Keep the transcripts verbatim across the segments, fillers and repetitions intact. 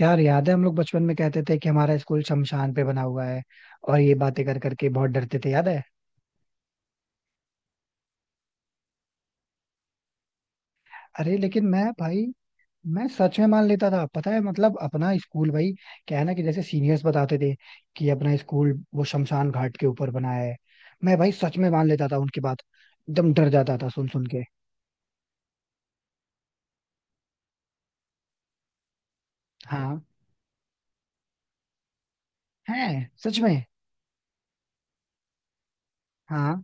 यार याद है हम लोग बचपन में कहते थे कि हमारा स्कूल शमशान पे बना हुआ है। और ये बातें कर करके बहुत डरते थे, याद है? अरे लेकिन मैं भाई, मैं सच में मान लेता था, पता है? मतलब अपना स्कूल, भाई क्या है ना कि जैसे सीनियर्स बताते थे कि अपना स्कूल वो शमशान घाट के ऊपर बना है। मैं भाई सच में मान लेता था उनकी बात। एकदम डर जाता था सुन सुन के। हाँ, है सच में? हाँ,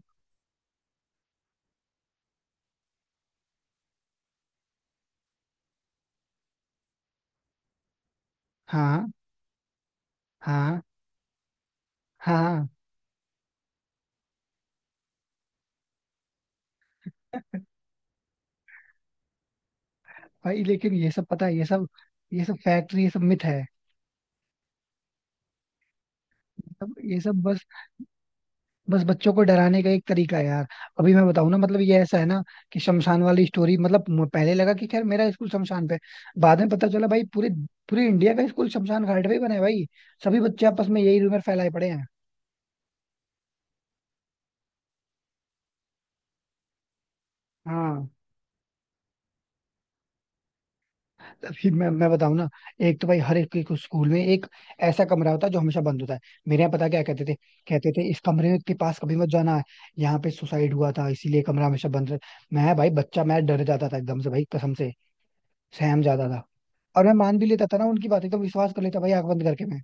हाँ, हाँ, हाँ भाई लेकिन ये सब, पता है ये सब, ये सब फैक्ट, ये सब मिथ है। मतलब ये सब बस बस बच्चों को डराने का एक तरीका है यार। अभी मैं बताऊं ना, मतलब ये ऐसा है ना कि शमशान वाली स्टोरी, मतलब म- पहले लगा कि खैर मेरा स्कूल शमशान पे है। बाद में पता चला भाई पूरे पूरे इंडिया का स्कूल शमशान घाट पे ही बना है भाई। सभी बच्चे आपस में यही रूमर फैलाए पड़े हैं। हाँ, अभी मैं मैं बताऊं ना, एक तो भाई हर एक, एक स्कूल में एक ऐसा कमरा होता है जो हमेशा बंद होता है। मेरे यहाँ पता क्या कहते थे? कहते थे इस कमरे के पास कभी मत जाना है, यहाँ पे सुसाइड हुआ था इसीलिए कमरा हमेशा बंद रह। मैं भाई बच्चा, मैं डर जाता था एकदम से भाई, कसम से। सहम जाता था। और मैं मान भी लेता था ना उनकी बातें, तो विश्वास कर लेता भाई आंख बंद करके मैं।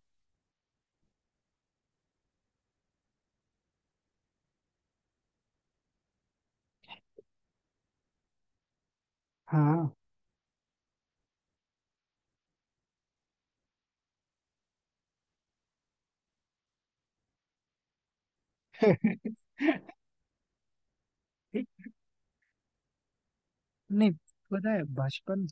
हाँ एक- नहीं, पता है बचपन,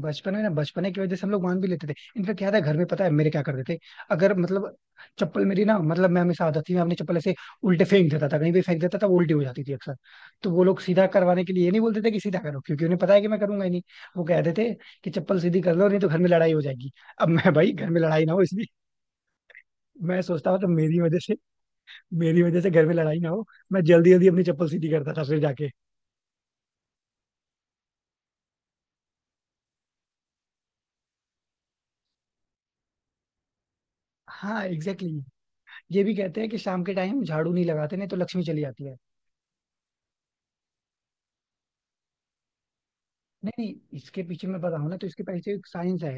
बचपन है ना, बचपने की वजह से हम लोग मान भी लेते थे। इनफेक्ट याद है, घर में पता है मेरे क्या करते थे? अगर मतलब चप्पल मेरी, ना मतलब मैं, हमेशा आदत थी मैं अपनी चप्पल ऐसे उल्टे फेंक देता था, कहीं भी फेंक देता था, वो उल्टी हो जाती थी अक्सर। तो वो लोग सीधा करवाने के लिए ये नहीं बोलते थे कि सीधा करो, क्योंकि उन्हें पता है कि मैं करूंगा ही नहीं। वो कहते थे कि चप्पल सीधी कर लो नहीं तो घर में लड़ाई हो जाएगी। अब मैं भाई, घर में लड़ाई ना हो इसलिए मैं सोचता था, तो मेरी वजह से मेरी वजह से घर में लड़ाई ना हो, मैं जल्दी जल्दी अपनी चप्पल सीधी करता था फिर जाके। हाँ एग्जैक्टली exactly. ये भी कहते हैं कि शाम के टाइम झाड़ू नहीं लगाते, नहीं तो लक्ष्मी चली जाती है। नहीं नहीं, इसके पीछे मैं बताऊँ ना, तो इसके पीछे एक साइंस है।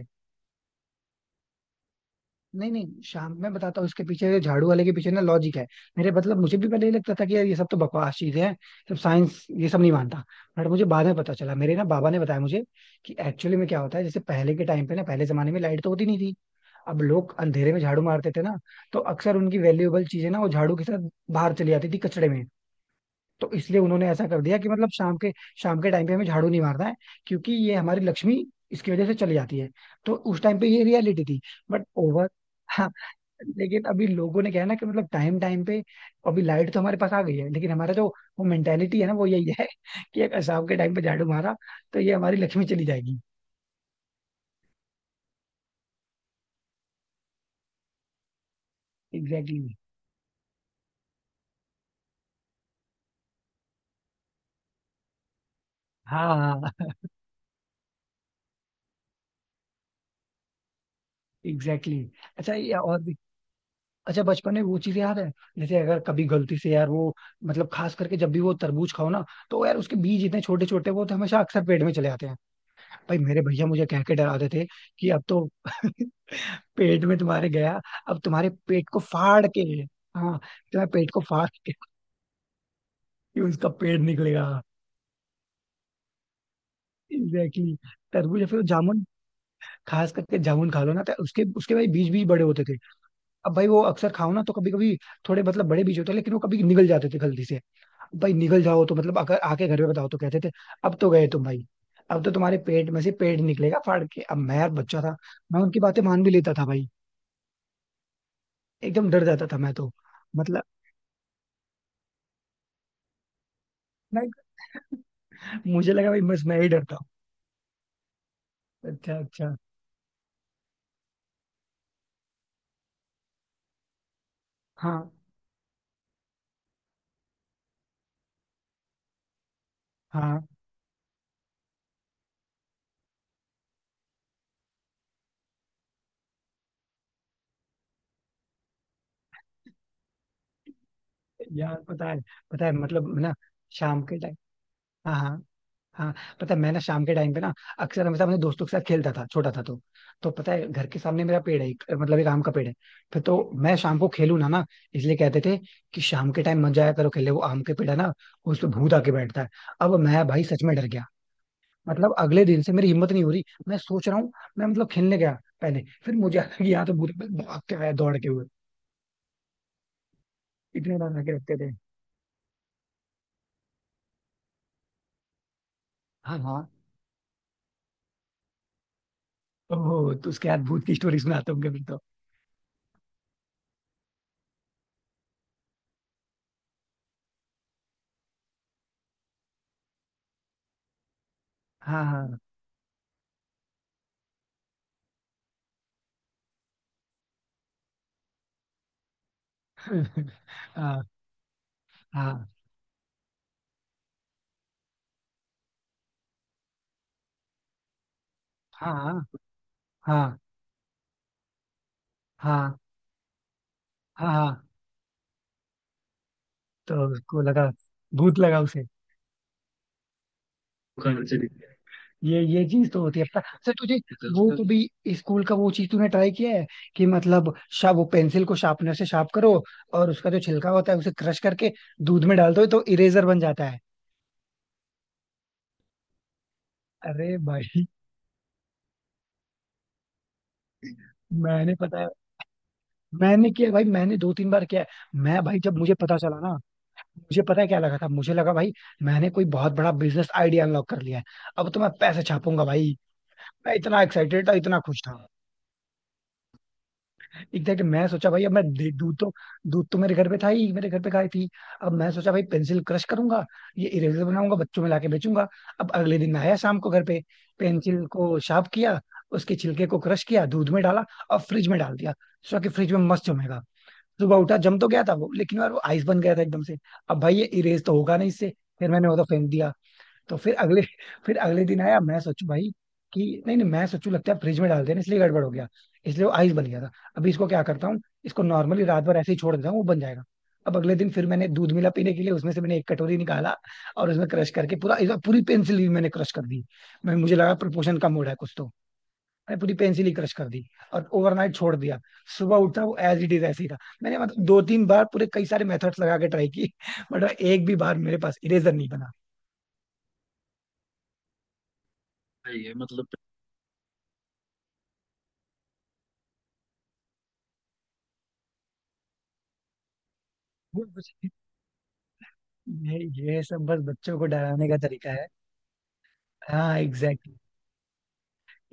नहीं नहीं, शाम में बताता हूँ, इसके पीछे, झाड़ू वाले के पीछे ना लॉजिक है। मेरे मतलब, मुझे भी पहले ये लगता था कि यार ये सब तो बकवास चीजें हैं, सब साइंस ये सब नहीं मानता। बट मुझे बाद में पता चला, मेरे ना बाबा ने बताया मुझे कि एक्चुअली में क्या होता है, जैसे पहले के टाइम पे ना, पहले जमाने में लाइट तो होती नहीं थी। अब लोग अंधेरे में झाड़ू मारते थे ना, तो अक्सर उनकी वैल्यूएबल चीजें ना, वो झाड़ू के साथ बाहर चली जाती थी कचड़े में। तो इसलिए उन्होंने ऐसा कर दिया कि मतलब शाम के शाम के टाइम पे हमें झाड़ू नहीं मारना है, क्योंकि ये हमारी लक्ष्मी, इसकी वजह से चली जाती है। तो उस टाइम पे ये रियलिटी थी। बट ओवर, हाँ, लेकिन अभी लोगों ने क्या है ना, कि मतलब टाइम टाइम पे, अभी लाइट तो हमारे पास आ गई है लेकिन हमारा जो वो मेंटेलिटी है ना, वो यही है कि अगर शाम के टाइम पे झाड़ू मारा तो ये हमारी लक्ष्मी चली जाएगी। Exactly exactly. हाँ हाँ, एग्जैक्टली exactly. अच्छा ये और भी, अच्छा बचपन में वो चीज याद है, जैसे अगर कभी गलती से यार वो, मतलब खास करके जब भी वो तरबूज खाओ ना, तो यार उसके बीज इतने छोटे छोटे, वो तो हमेशा अक्सर पेट में चले आते हैं। भाई, मेरे भैया मुझे कह के डराते थे कि अब तो पेट में तुम्हारे गया, अब तुम्हारे पेट को फाड़ के, हाँ, तुम्हारे पेट को फाड़ के ये उसका पेट निकलेगा। Exactly exactly. तरबूज या फिर वो जामुन, खास करके जामुन खा लो ना, तो उसके उसके भाई बीज भी बड़े होते थे। अब भाई वो अक्सर खाओ ना, तो कभी कभी थोड़े, मतलब बड़े बीज होते हैं, लेकिन वो कभी निकल जाते थे गलती से। भाई निकल जाओ तो मतलब अगर आके घर में बताओ तो कहते थे अब तो गए तुम भाई, अब तो तुम्हारे पेट में से पेट निकलेगा फाड़ के। अब मैं यार बच्चा था, मैं उनकी बातें मान भी लेता था भाई। एकदम डर जाता था मैं तो। मतलब मैं- मुझे लगा भाई बस मैं ही डरता हूँ। अच्छा अच्छा, हाँ हाँ, यार पता है, पता है, मतलब ना शाम के टाइम, हाँ हाँ हाँ, पता है मैं ना, शाम के टाइम पे ना अक्सर हमेशा अपने दोस्तों के साथ खेलता था, छोटा था तो। तो पता है, घर के सामने मेरा पेड़ है एक, मतलब एक आम का पेड़ है। फिर तो मैं शाम को खेलू ना ना, इसलिए कहते थे कि शाम के टाइम मत जाया करो खेलने, वो आम के पेड़ है ना, उस पे भूत आके बैठता है। अब मैं भाई सच में डर गया। मतलब अगले दिन से मेरी हिम्मत नहीं हो रही, मैं सोच रहा हूँ, मैं मतलब खेलने गया पहले, फिर मुझे आया कि यहाँ तो भूत, मैं भाग के आया दौड़ के हुए। इतने डर लगे रखते थे। हाँ हाँ, ओह तो उसके बाद भूत की स्टोरी सुनाते होंगे फिर तो। हाँ हाँ हाँ, हाँ, हाँ, हाँ, हाँ, हाँ, हाँ। तो उसको लगा भूत लगा उसे। ये ये चीज तो होती है, पता सर तुझे? वो कभी स्कूल का वो चीज तूने ट्राई किया है कि मतलब, शा वो पेंसिल को शार्पनर से शार्प करो, और उसका जो छिलका होता है उसे क्रश करके दूध में डाल दो तो इरेजर बन जाता है। अरे भाई, मैंने पता है, मैंने किया भाई, मैंने दो तीन बार किया है। मैं भाई जब मुझे पता चला ना, मुझे पता है क्या लगा था, मुझे लगा भाई मैंने कोई बहुत बड़ा बिजनेस आइडिया अनलॉक कर लिया है। अब तो मैं पैसे छापूंगा भाई। मैं इतना एक्साइटेड था, इतना खुश था। एग्जैक्ट मैं सोचा भाई, अब मैं दे- दूध तो, दूध तो मेरे घर पे था ही, मेरे घर पे गाय थी। अब मैं सोचा भाई पेंसिल क्रश करूंगा, ये इरेजर बनाऊंगा बच्चों में लाके बेचूंगा। अब अगले दिन मैं आया शाम को घर पे, पेंसिल को शार्प किया, उसके छिलके को क्रश किया, दूध में डाला और फ्रिज में डाल दिया। सोचा कि फ्रिज में मस्त जमेगा। सुबह उठा, जम तो गया था वो, लेकिन यार वो आइस बन गया था एकदम से। अब भाई ये इरेज तो होगा नहीं इससे। फिर मैंने वो तो फेंक दिया। तो फिर अगले फिर अगले दिन आया, मैं सोचू भाई कि नहीं नहीं, मैं सोचू लगता है फ्रिज में डाल देना इसलिए गड़बड़ हो गया, इसलिए वो आइस बन गया था। अभी इसको क्या करता हूँ, इसको नॉर्मली रात भर ऐसे ही छोड़ देता हूँ वो बन जाएगा। अब अगले दिन फिर मैंने दूध मिला पीने के लिए, उसमें से मैंने एक कटोरी निकाला और उसमें क्रश करके पूरा, इस बार पूरी पेंसिल ही मैंने क्रश कर दी। मैं मुझे लगा प्रोपोर्शन कम हो रहा है कुछ तो। मैंने पूरी पेंसिल ही क्रश कर दी और ओवरनाइट छोड़ दिया। सुबह उठा, वो एज इट इज ऐसे ही था। मैंने मतलब दो तीन बार पूरे, कई सारे मेथड्स लगा के ट्राई की बट एक भी बार मेरे पास इरेजर नहीं बना। सही है मतलब, वो कुछ, ये ये सब बस बच्चों को डराने का तरीका है। हाँ एग्जैक्टली,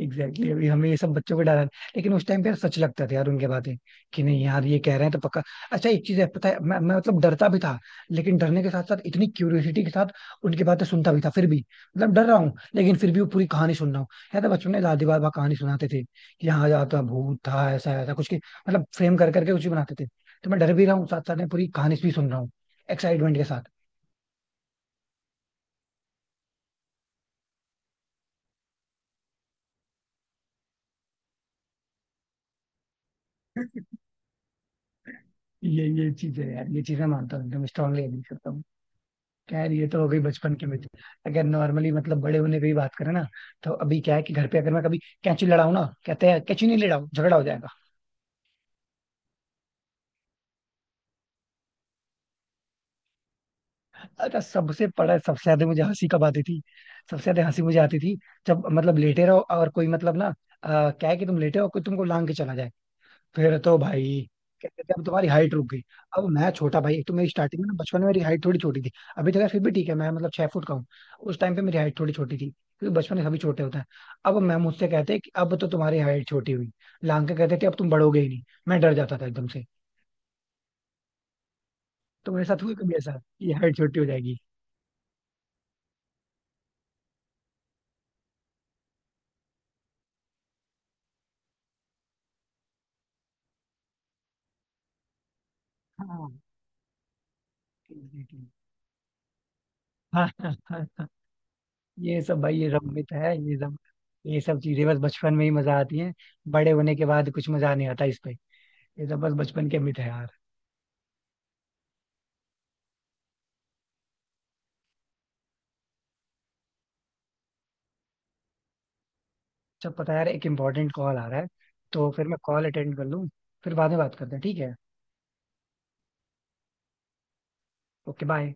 एग्जैक्टली, अभी हमें ये सब बच्चों को डराने, लेकिन उस टाइम पे यार सच लगता था यार उनके बातें कि नहीं यार ये कह रहे हैं तो पक्का। अच्छा एक चीज है पता है, मैं, मैं मतलब डरता भी था लेकिन डरने के साथ साथ इतनी क्यूरियोसिटी के साथ उनकी बातें सुनता भी था फिर भी। मतलब डर रहा हूँ लेकिन फिर भी वो पूरी कहानी सुन रहा हूँ। यार तो बचपन में दादी बाबा कहानी सुनाते थे कि यहाँ जाता भूत था ऐसा ऐसा कुछ के, मतलब फ्रेम कर करके कुछ भी बनाते थे। तो मैं डर भी रहा हूँ, साथ साथ में पूरी कहानी भी सुन रहा हूँ एक्साइटमेंट के साथ। ये ये चीज है यार, ये चीज मैं मानता हूँ, एकदम स्ट्रांगली एग्री करता हूँ। खैर ये तो हो गई बचपन की मित्र। अगर नॉर्मली मतलब बड़े होने की भी बात करें ना, तो अभी क्या है कि घर पे अगर मैं कभी कैंची लड़ाऊं ना, कहते हैं कैंची नहीं लड़ाऊं झगड़ा हो जाएगा। अच्छा सबसे बड़ा, सबसे ज्यादा मुझे हंसी कब आती थी, सबसे ज्यादा हंसी मुझे आती थी जब मतलब लेटे रहो और कोई मतलब ना, अ, क्या है कि तुम लेटे हो कोई तुमको लांग के चला जाए। फिर तो भाई क्या कहते हैं, अब तुम्हारी हाइट रुक गई। अब मैं छोटा भाई, एक तो मेरी स्टार्टिंग में ना, बचपन में मेरी हाइट थोड़ी छोटी थी। अभी तक है फिर भी ठीक है, मैं मतलब छह फुट का हूँ। उस टाइम पे मेरी हाइट थोड़ी छोटी थी, क्योंकि बचपन में सभी छोटे होते हैं। अब मैं, मुझसे कहते कि अब तो तुम्हारी हाइट छोटी हुई, लांग के कहते थे अब तुम बढ़ोगे ही नहीं। मैं डर जाता था एकदम से। तो मेरे साथ हुआ कभी ऐसा ये हाइट छोटी हो जाएगी। हाँ exactly. हाँ हाँ, हाँ, हाँ, ये सब भाई, ये सब मिथ है, ये सब, ये सब चीजें बस बचपन में ही मजा आती है। बड़े होने के बाद कुछ मजा नहीं आता इस पे। ये सब बस बचपन के मिथ है। अच्छा पता है यार, एक इम्पोर्टेंट कॉल आ रहा है, तो फिर मैं कॉल अटेंड कर लूँ, फिर बाद में बात करते हैं, ठीक है? Okay bye.